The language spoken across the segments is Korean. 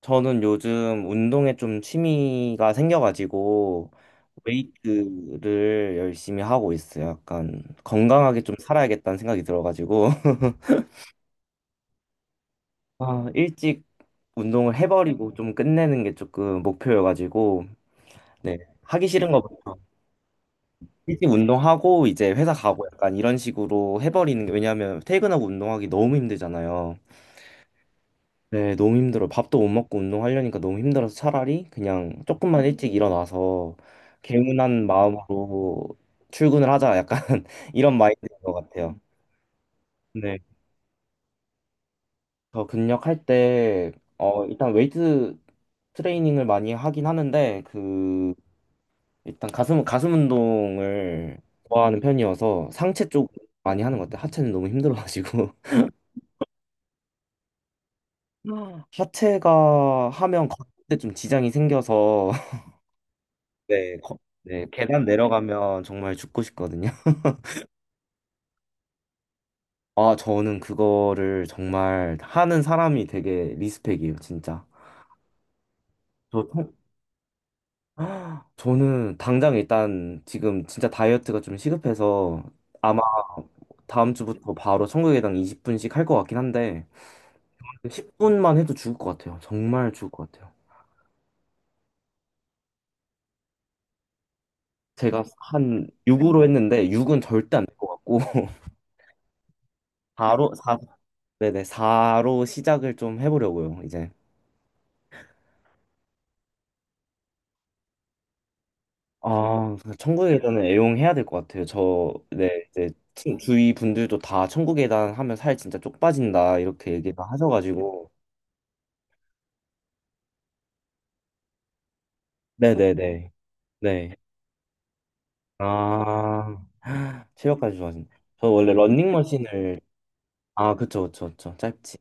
저는 요즘 운동에 좀 취미가 생겨가지고 웨이트를 열심히 하고 있어요. 약간 건강하게 좀 살아야겠다는 생각이 들어가지고 아, 일찍 운동을 해버리고 좀 끝내는 게 조금 목표여가지고. 네. 하기 싫은 것부터 일찍 운동하고 이제 회사 가고 약간 이런 식으로 해버리는 게, 왜냐하면 퇴근하고 운동하기 너무 힘들잖아요. 네, 너무 힘들어. 밥도 못 먹고 운동하려니까 너무 힘들어서 차라리 그냥 조금만 일찍 일어나서 개운한 마음으로 출근을 하자. 약간 이런 마인드인 것 같아요. 네. 저 근력할 때, 일단 웨이트 트레이닝을 많이 하긴 하는데, 일단 가슴, 가슴 운동을 좋아하는 편이어서 상체 쪽 많이 하는 것 같아요. 하체는 너무 힘들어가지고. 하체가 하면 걷을 때 좀 지장이 생겨서. 네, 네, 계단 내려가면 정말 죽고 싶거든요. 아, 저는 그거를 정말 하는 사람이 되게 리스펙이에요, 진짜. 저, 통- 저는 당장 일단 지금 진짜 다이어트가 좀 시급해서 아마 다음 주부터 바로 청구계단 20분씩 할 것 같긴 한데, 10분만 해도 죽을 것 같아요. 정말 죽을 것 같아요. 제가 한 6으로 했는데 6은 절대 안 될 것 같고. 4로 4, 네네, 4로 시작을 좀 해보려고요, 이제. 아, 천국의 계단은 애용해야 될 것 같아요. 저, 네, 이제 주위 분들도 다 천국의 계단 하면 살 진짜 쪽 빠진다 이렇게 얘기를 하셔가지고, 네, 네, 네, 네. 아, 체력까지 좋아진. 저 원래 런닝머신을. 아, 그쵸, 그쵸, 그쵸. 짧지.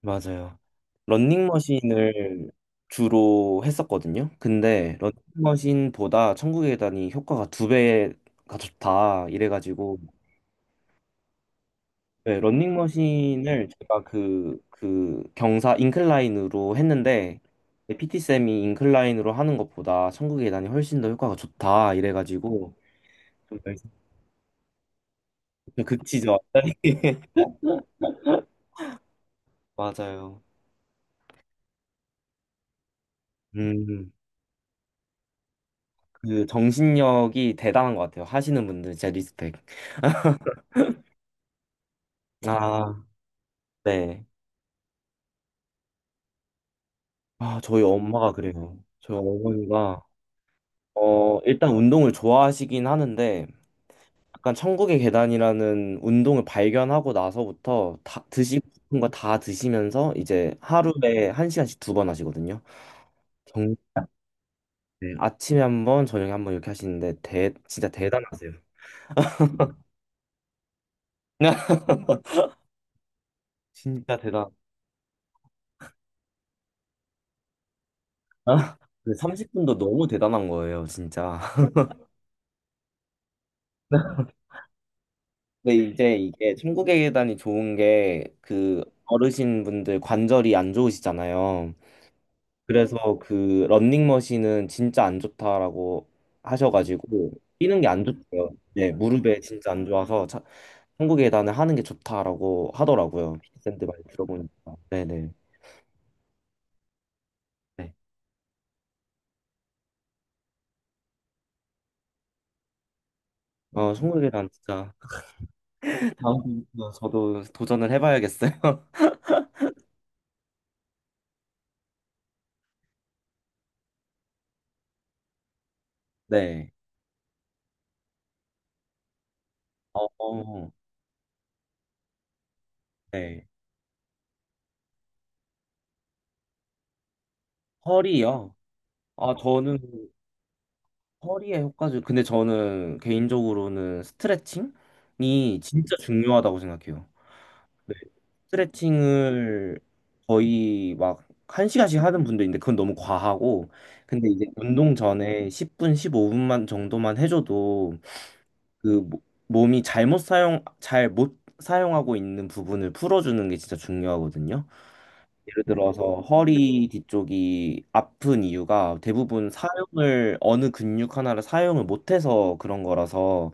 맞아요. 런닝머신을 주로 했었거든요. 근데 런닝머신보다 천국의 계단이 효과가 두 배가 좋다 이래가지고. 네, 런닝머신을 제가 그 경사 인클라인으로 했는데 PT쌤이 인클라인으로 하는 것보다 천국의 계단이 훨씬 더 효과가 좋다 이래가지고. 좀 열심히- 좀 극치죠. 맞아요. 음, 그 정신력이 대단한 것 같아요. 하시는 분들 진짜 리스펙. 아, 네. 아, 저희 엄마가 그래요. 저희 어머니가 일단 운동을 좋아하시긴 하는데 약간 천국의 계단이라는 운동을 발견하고 나서부터 다 드시고 싶은 거 다 드시면서 이제 하루에 1시간씩 2번 하시거든요. 정, 네, 아침에 1번, 저녁에 1번 이렇게 하시는데 진짜 대단하세요. 진짜 대단. 아, 30분도 너무 대단한 거예요, 진짜. 근데 이제 이게 천국의 계단이 좋은 게 그 어르신분들 관절이 안 좋으시잖아요. 그래서 그 런닝머신은 진짜 안 좋다라고 하셔가지고 뛰는 게 안 좋대요. 네, 무릎에 진짜 안 좋아서 천국 계단을 하는 게 좋다라고 하더라고요. 피트샌드 많이 들어보니까. 네네. 네. 어, 천국 계단 진짜 다음부터 저도 도전을 해봐야겠어요. 네. 어, 어, 네. 허리요. 아, 저는 허리에 효과주. 근데 저는 개인적으로는 스트레칭이 진짜 중요하다고 생각해요. 스트레칭을 거의 막 1시간씩 하는 분도 있는데 그건 너무 과하고, 근데 이제 운동 전에 10분, 15분만 정도만 해줘도 그 모- 몸이 잘못 사용, 잘 못 사용하고 있는 부분을 풀어주는 게 진짜 중요하거든요. 예를 들어서 허리 뒤쪽이 아픈 이유가 대부분 사용을 어느 근육 하나를 사용을 못해서 그런 거라서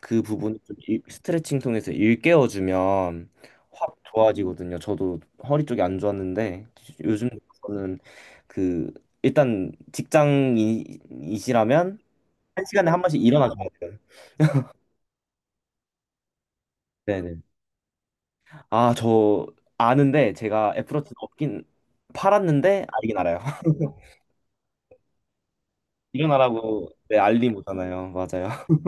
그 부분을 스트레칭 통해서 일깨워주면 확 좋아지거든요. 저도 허리 쪽이 안 좋았는데 요즘 저는 그 일단 직장인이시라면 1시간에 1번씩 일어나줘야 돼요. 네네. 아, 저 아는데 제가 애플워치는 없긴 팔았는데 알긴 알아요. 일어나라고 네, 알림 오잖아요. 맞아요.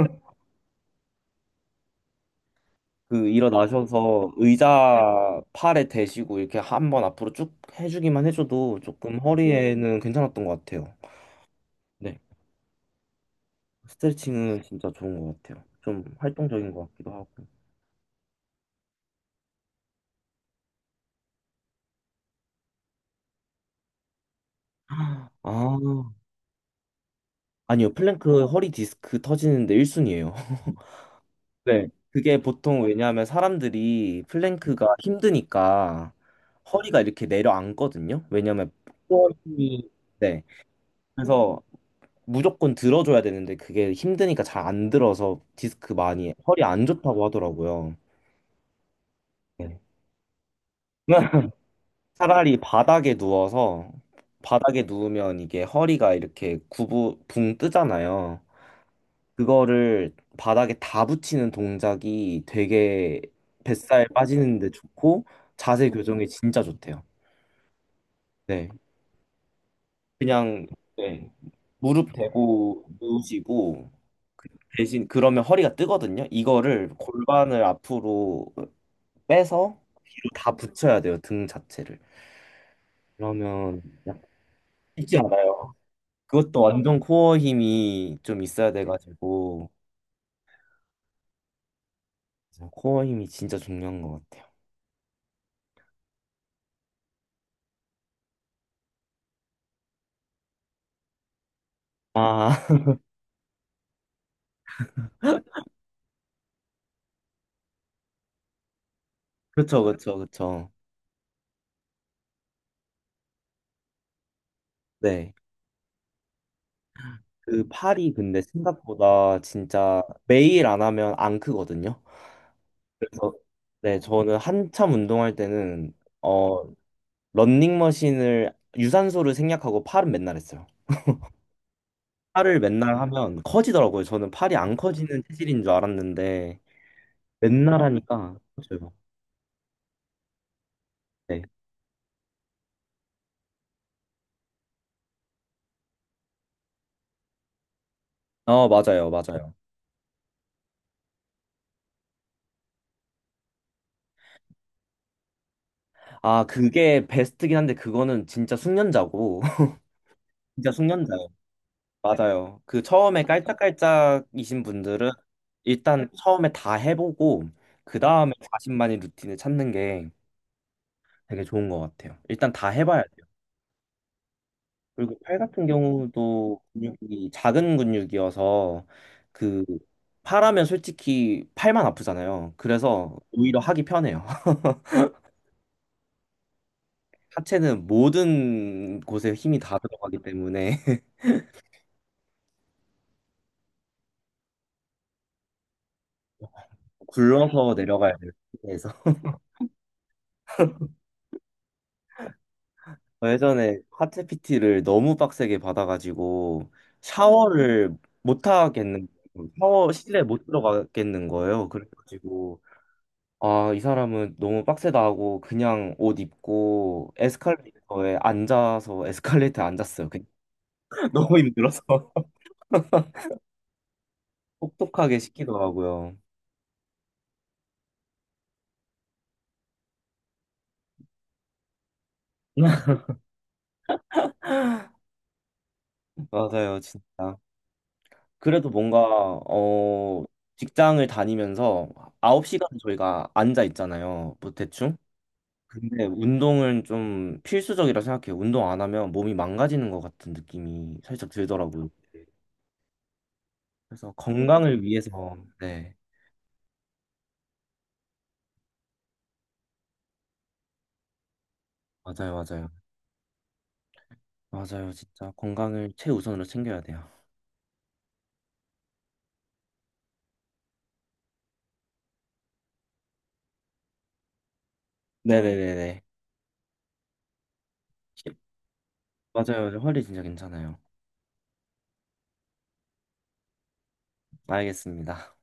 그 일어나셔서 의자 팔에 대시고 이렇게 한번 앞으로 쭉 해주기만 해줘도 조금 허리에는 괜찮았던 것 같아요. 네. 스트레칭은 진짜 좋은 것 같아요. 좀 활동적인 것 같기도 하고. 아, 아니요. 플랭크 허리 디스크 터지는데 1순위예요. 네. 그게 보통 왜냐하면 사람들이 플랭크가 힘드니까 허리가 이렇게 내려앉거든요. 왜냐하면 복원이. 네. 그래서 무조건 들어줘야 되는데 그게 힘드니까 잘 안 들어서 디스크 많이 허리 안 좋다고 하더라고요. 네. 차라리 바닥에 누워서 바닥에 누우면 이게 허리가 이렇게 구부 붕 뜨잖아요. 그거를 바닥에 다 붙이는 동작이 되게 뱃살 빠지는데 좋고 자세 교정에 진짜 좋대요. 네. 그냥. 네. 무릎 대고 누우시고 대신 그러면 허리가 뜨거든요. 이거를 골반을 앞으로 빼서 뒤로 다 붙여야 돼요, 등 자체를. 그러면 약- 쉽지 않아요. 그것도 완전 코어 힘이 좀 있어야 돼가지고. 코어 힘이 진짜 중요한 것 같아요. 아, 그쵸, 그쵸, 그쵸. 네. 그 팔이 근데 생각보다 진짜 매일 안 하면 안 크거든요. 그래서 네, 저는 한참 운동할 때는 어 런닝머신을 유산소를 생략하고 팔은 맨날 했어요. 팔을 맨날 하면 커지더라고요. 저는 팔이 안 커지는 체질인 줄 알았는데 맨날 하니까 커져요. 네. 어, 맞아요. 맞아요. 아, 그게 베스트긴 한데 그거는 진짜 숙련자고. 진짜 숙련자예요. 맞아요. 그 처음에 깔짝깔짝이신 분들은 일단 처음에 다 해보고 그 다음에 자신만의 루틴을 찾는 게 되게 좋은 것 같아요. 일단 다 해봐야. 그리고 팔 같은 경우도 근육이 작은 근육이어서 그 팔하면 솔직히 팔만 아프잖아요. 그래서 오히려 하기 편해요. 하체는 모든 곳에 힘이 다 들어가기 때문에 굴러서 내려가야 돼요. 그래서 예전에 하체 PT를 너무 빡세게 받아가지고 샤워를 못 하겠는, 샤워 실내 못 들어가겠는 거예요. 그래가지고 아, 이 사람은 너무 빡세다 하고 그냥 옷 입고 에스컬레이터에 앉아서 에스컬레이터에 앉았어요. 그냥 너무 힘들어서. 혹독하게 시키더라고요. 맞아요, 진짜. 그래도 뭔가 어 직장을 다니면서 9시간 저희가 앉아 있잖아요. 뭐 대충. 근데 운동은 좀 필수적이라 생각해요. 운동 안 하면 몸이 망가지는 것 같은 느낌이 살짝 들더라고요. 그래서 건강을 위해서 네, 맞아요, 맞아요. 맞아요. 진짜 건강을 최우선으로 챙겨야 돼요. 네네네네. 맞아요. 허리 진짜 괜찮아요. 알겠습니다.